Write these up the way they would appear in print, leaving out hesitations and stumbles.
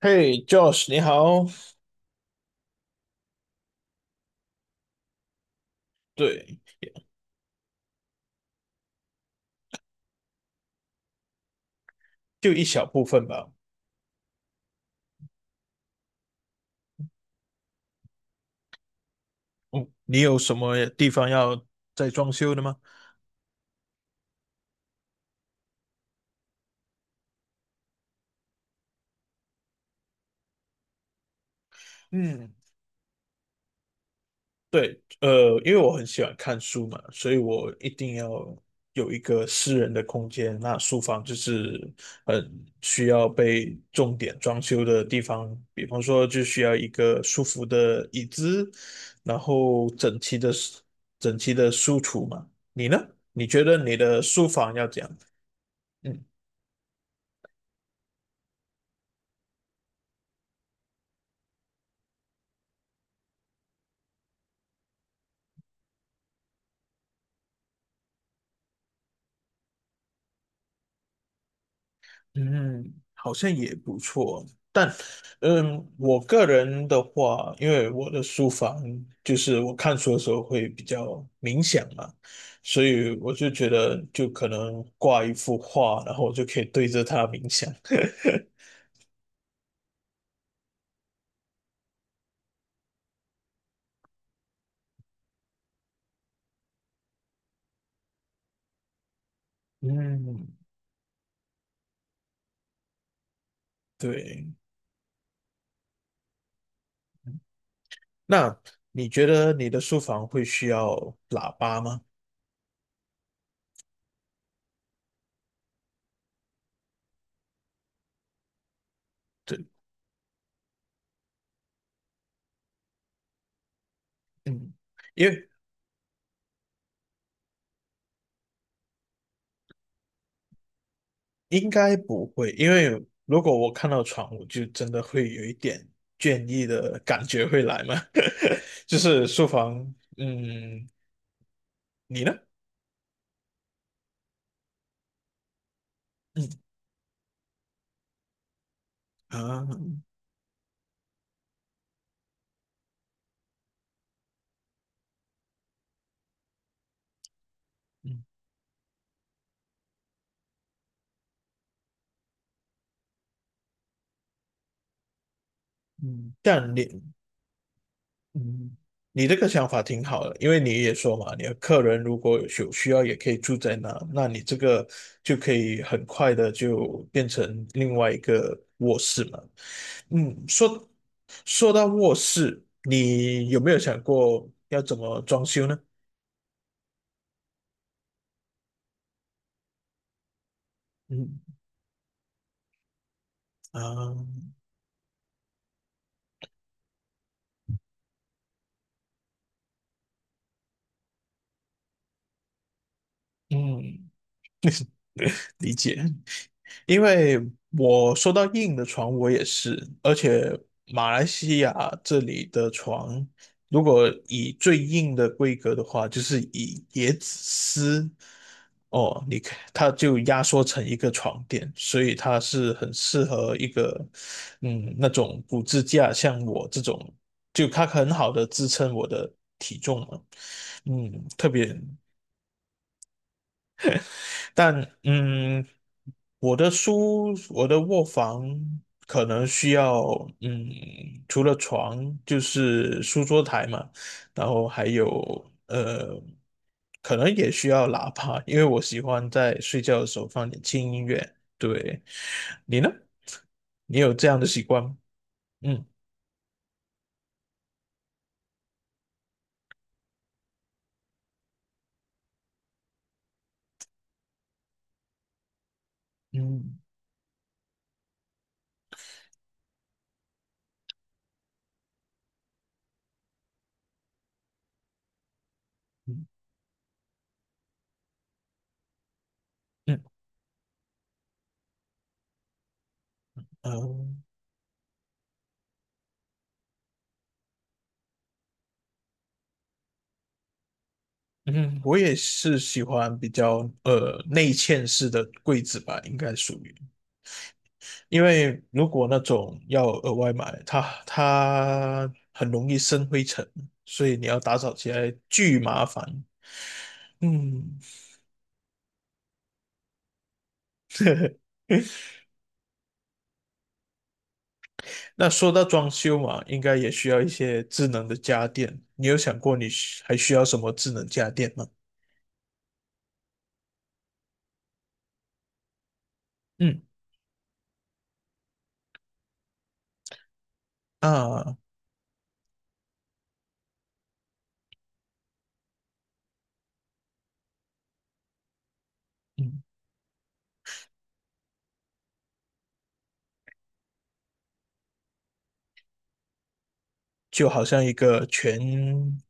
嘿，Josh，你好。对，就一小部分吧。嗯，你有什么地方要再装修的吗？嗯，对，因为我很喜欢看书嘛，所以我一定要有一个私人的空间。那书房就是很需要被重点装修的地方，比方说就需要一个舒服的椅子，然后整齐的书橱嘛。你呢？你觉得你的书房要怎样？嗯。嗯，好像也不错，但，我个人的话，因为我的书房就是我看书的时候会比较冥想嘛，所以我就觉得就可能挂一幅画，然后我就可以对着它冥想。嗯，对。那你觉得你的书房会需要喇叭吗？对，嗯，因为应该不会，因为如果我看到床，我就真的会有一点倦意的感觉会来嘛。就是书房，嗯，你呢？嗯啊，嗯嗯，但嗯，你这个想法挺好的，因为你也说嘛，你的客人如果有需要，也可以住在那，那你这个就可以很快的就变成另外一个卧室嘛。嗯，说说到卧室，你有没有想过要怎么装修呢？嗯啊，嗯，理解。因为我说到硬的床，我也是，而且马来西亚这里的床，如果以最硬的规格的话，就是以椰子丝，哦，你看它就压缩成一个床垫，所以它是很适合一个，那种骨支架，像我这种，就它很好的支撑我的体重嘛，嗯，特别。但嗯，我的卧房可能需要嗯，除了床就是书桌台嘛，然后还有可能也需要喇叭，因为我喜欢在睡觉的时候放点轻音乐。对，你呢？你有这样的习惯吗？嗯嗯嗯嗯嗯嗯，我也是喜欢比较内嵌式的柜子吧，应该属于。因为如果那种要额外买，它很容易生灰尘，所以你要打扫起来巨麻烦。嗯，那说到装修嘛，应该也需要一些智能的家电。你有想过还需要什么智能家电吗？嗯啊，嗯，就好像一个全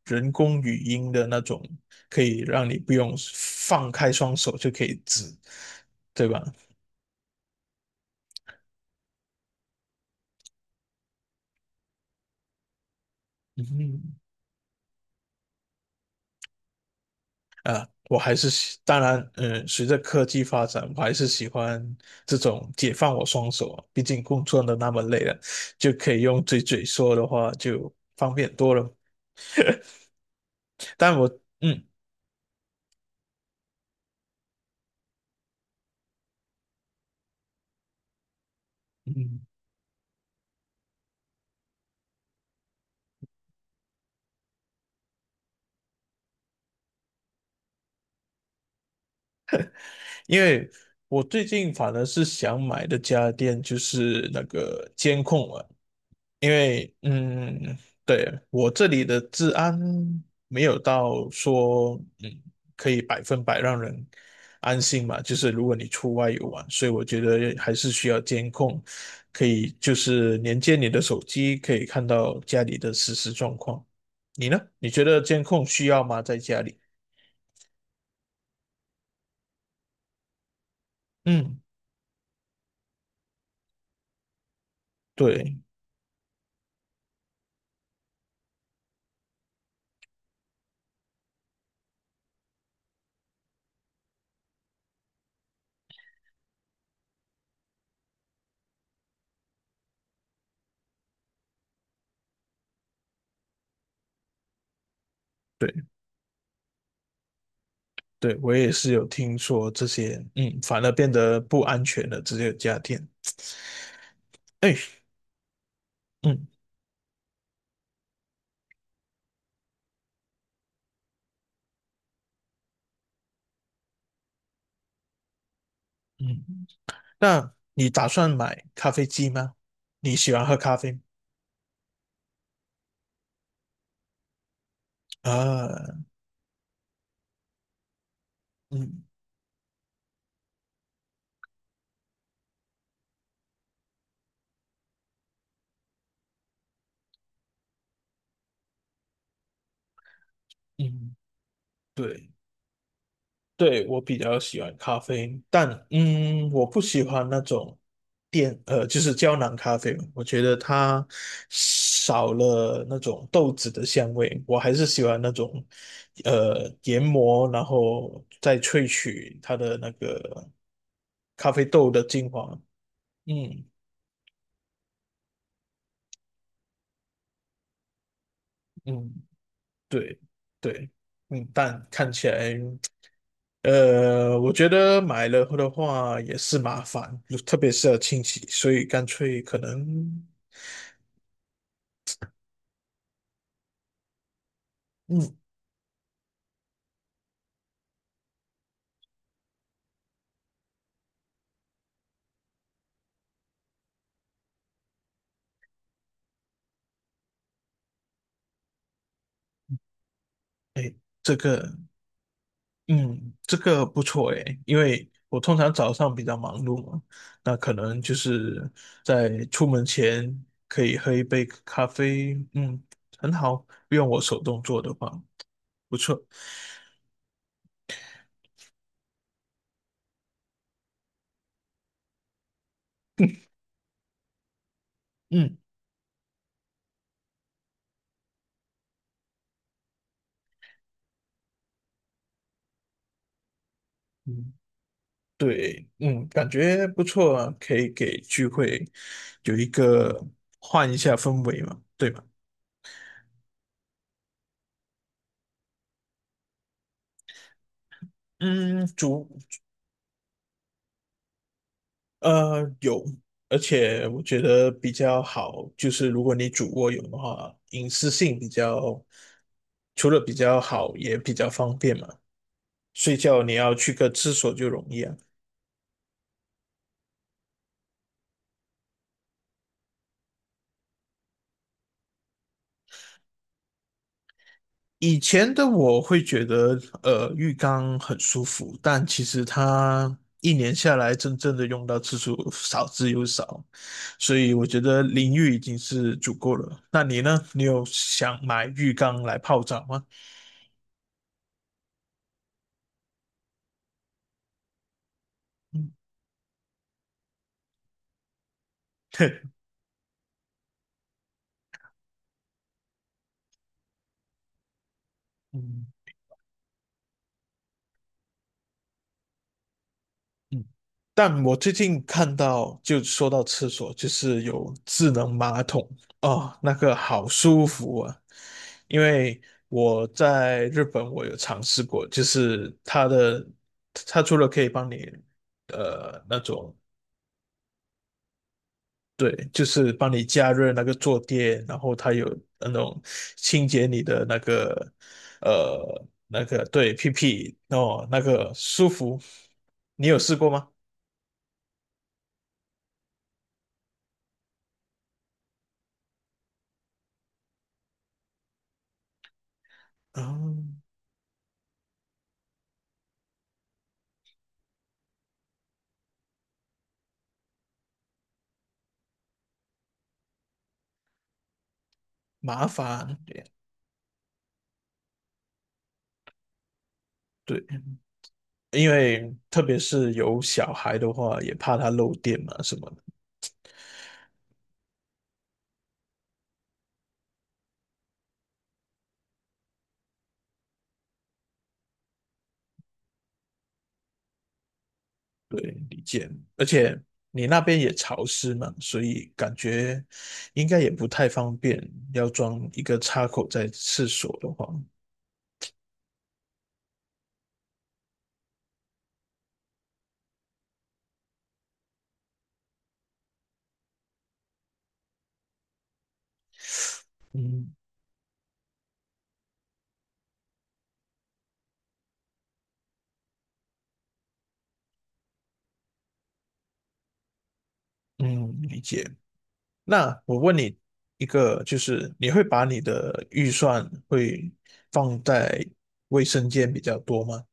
人工语音的那种，可以让你不用放开双手就可以指，对吧？嗯。我还是喜，当然，随着科技发展，我还是喜欢这种解放我双手啊。毕竟工作的那么累了，就可以用嘴说的话就方便多了。但我，嗯嗯，因为我最近反而是想买的家电就是那个监控啊，因为对，我这里的治安没有到说可以百分百让人安心嘛，就是如果你出外游玩，所以我觉得还是需要监控，可以就是连接你的手机，可以看到家里的实时状况。你呢？你觉得监控需要吗？在家里？嗯，对。对对，我也是有听说这些，嗯，反而变得不安全了，只有家电。哎，嗯嗯。那你打算买咖啡机吗？你喜欢喝咖啡啊？嗯嗯，对对，我比较喜欢咖啡，但我不喜欢那种就是胶囊咖啡，我觉得它少了那种豆子的香味，我还是喜欢那种研磨，然后再萃取它的那个咖啡豆的精华。嗯嗯。对对，但看起来，我觉得买了的话也是麻烦，就特别是要清洗，所以干脆可能，嗯，这个，嗯，这个不错诶，因为我通常早上比较忙碌嘛，那可能就是在出门前可以喝一杯咖啡，嗯，很好，用我手动做的话，不错，嗯。嗯对，感觉不错啊，可以给聚会有一个换一下氛围嘛，对吧？嗯，有，而且我觉得比较好，就是如果你主卧有的话，隐私性比较，除了比较好，也比较方便嘛。睡觉你要去个厕所就容易啊。以前的我会觉得，浴缸很舒服，但其实它一年下来真正的用到次数少之又少，所以我觉得淋浴已经是足够了。那你呢？你有想买浴缸来泡澡吗？嗯嗯嗯，但我最近看到，就说到厕所，就是有智能马桶哦，那个好舒服啊！因为我在日本，我有尝试过，它除了可以帮你，那种，对，就是帮你加热那个坐垫，然后它有那种清洁你的那个，那个对屁屁哦，那个舒服，你有试过吗？啊。麻烦点，对对，因为特别是有小孩的话，也怕它漏电嘛什么的，对，理解。而且你那边也潮湿嘛，所以感觉应该也不太方便，要装一个插口在厕所的话，嗯嗯，理解。那我问你一个，就是你会把你的预算会放在卫生间比较多吗？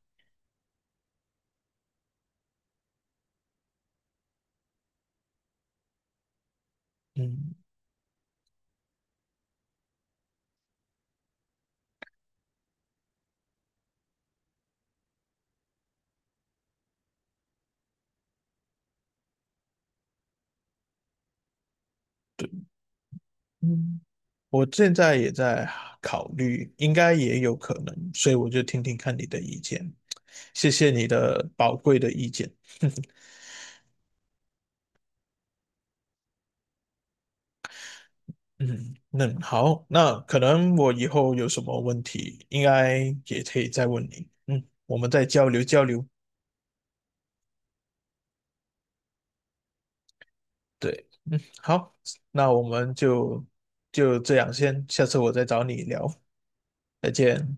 嗯嗯。我现在也在考虑，应该也有可能，所以我就听听看你的意见。谢谢你的宝贵的意见。嗯，那好，那可能我以后有什么问题，应该也可以再问你。嗯，我们再交流交流。对，嗯，好，那我们就这样先，下次我再找你聊，再见。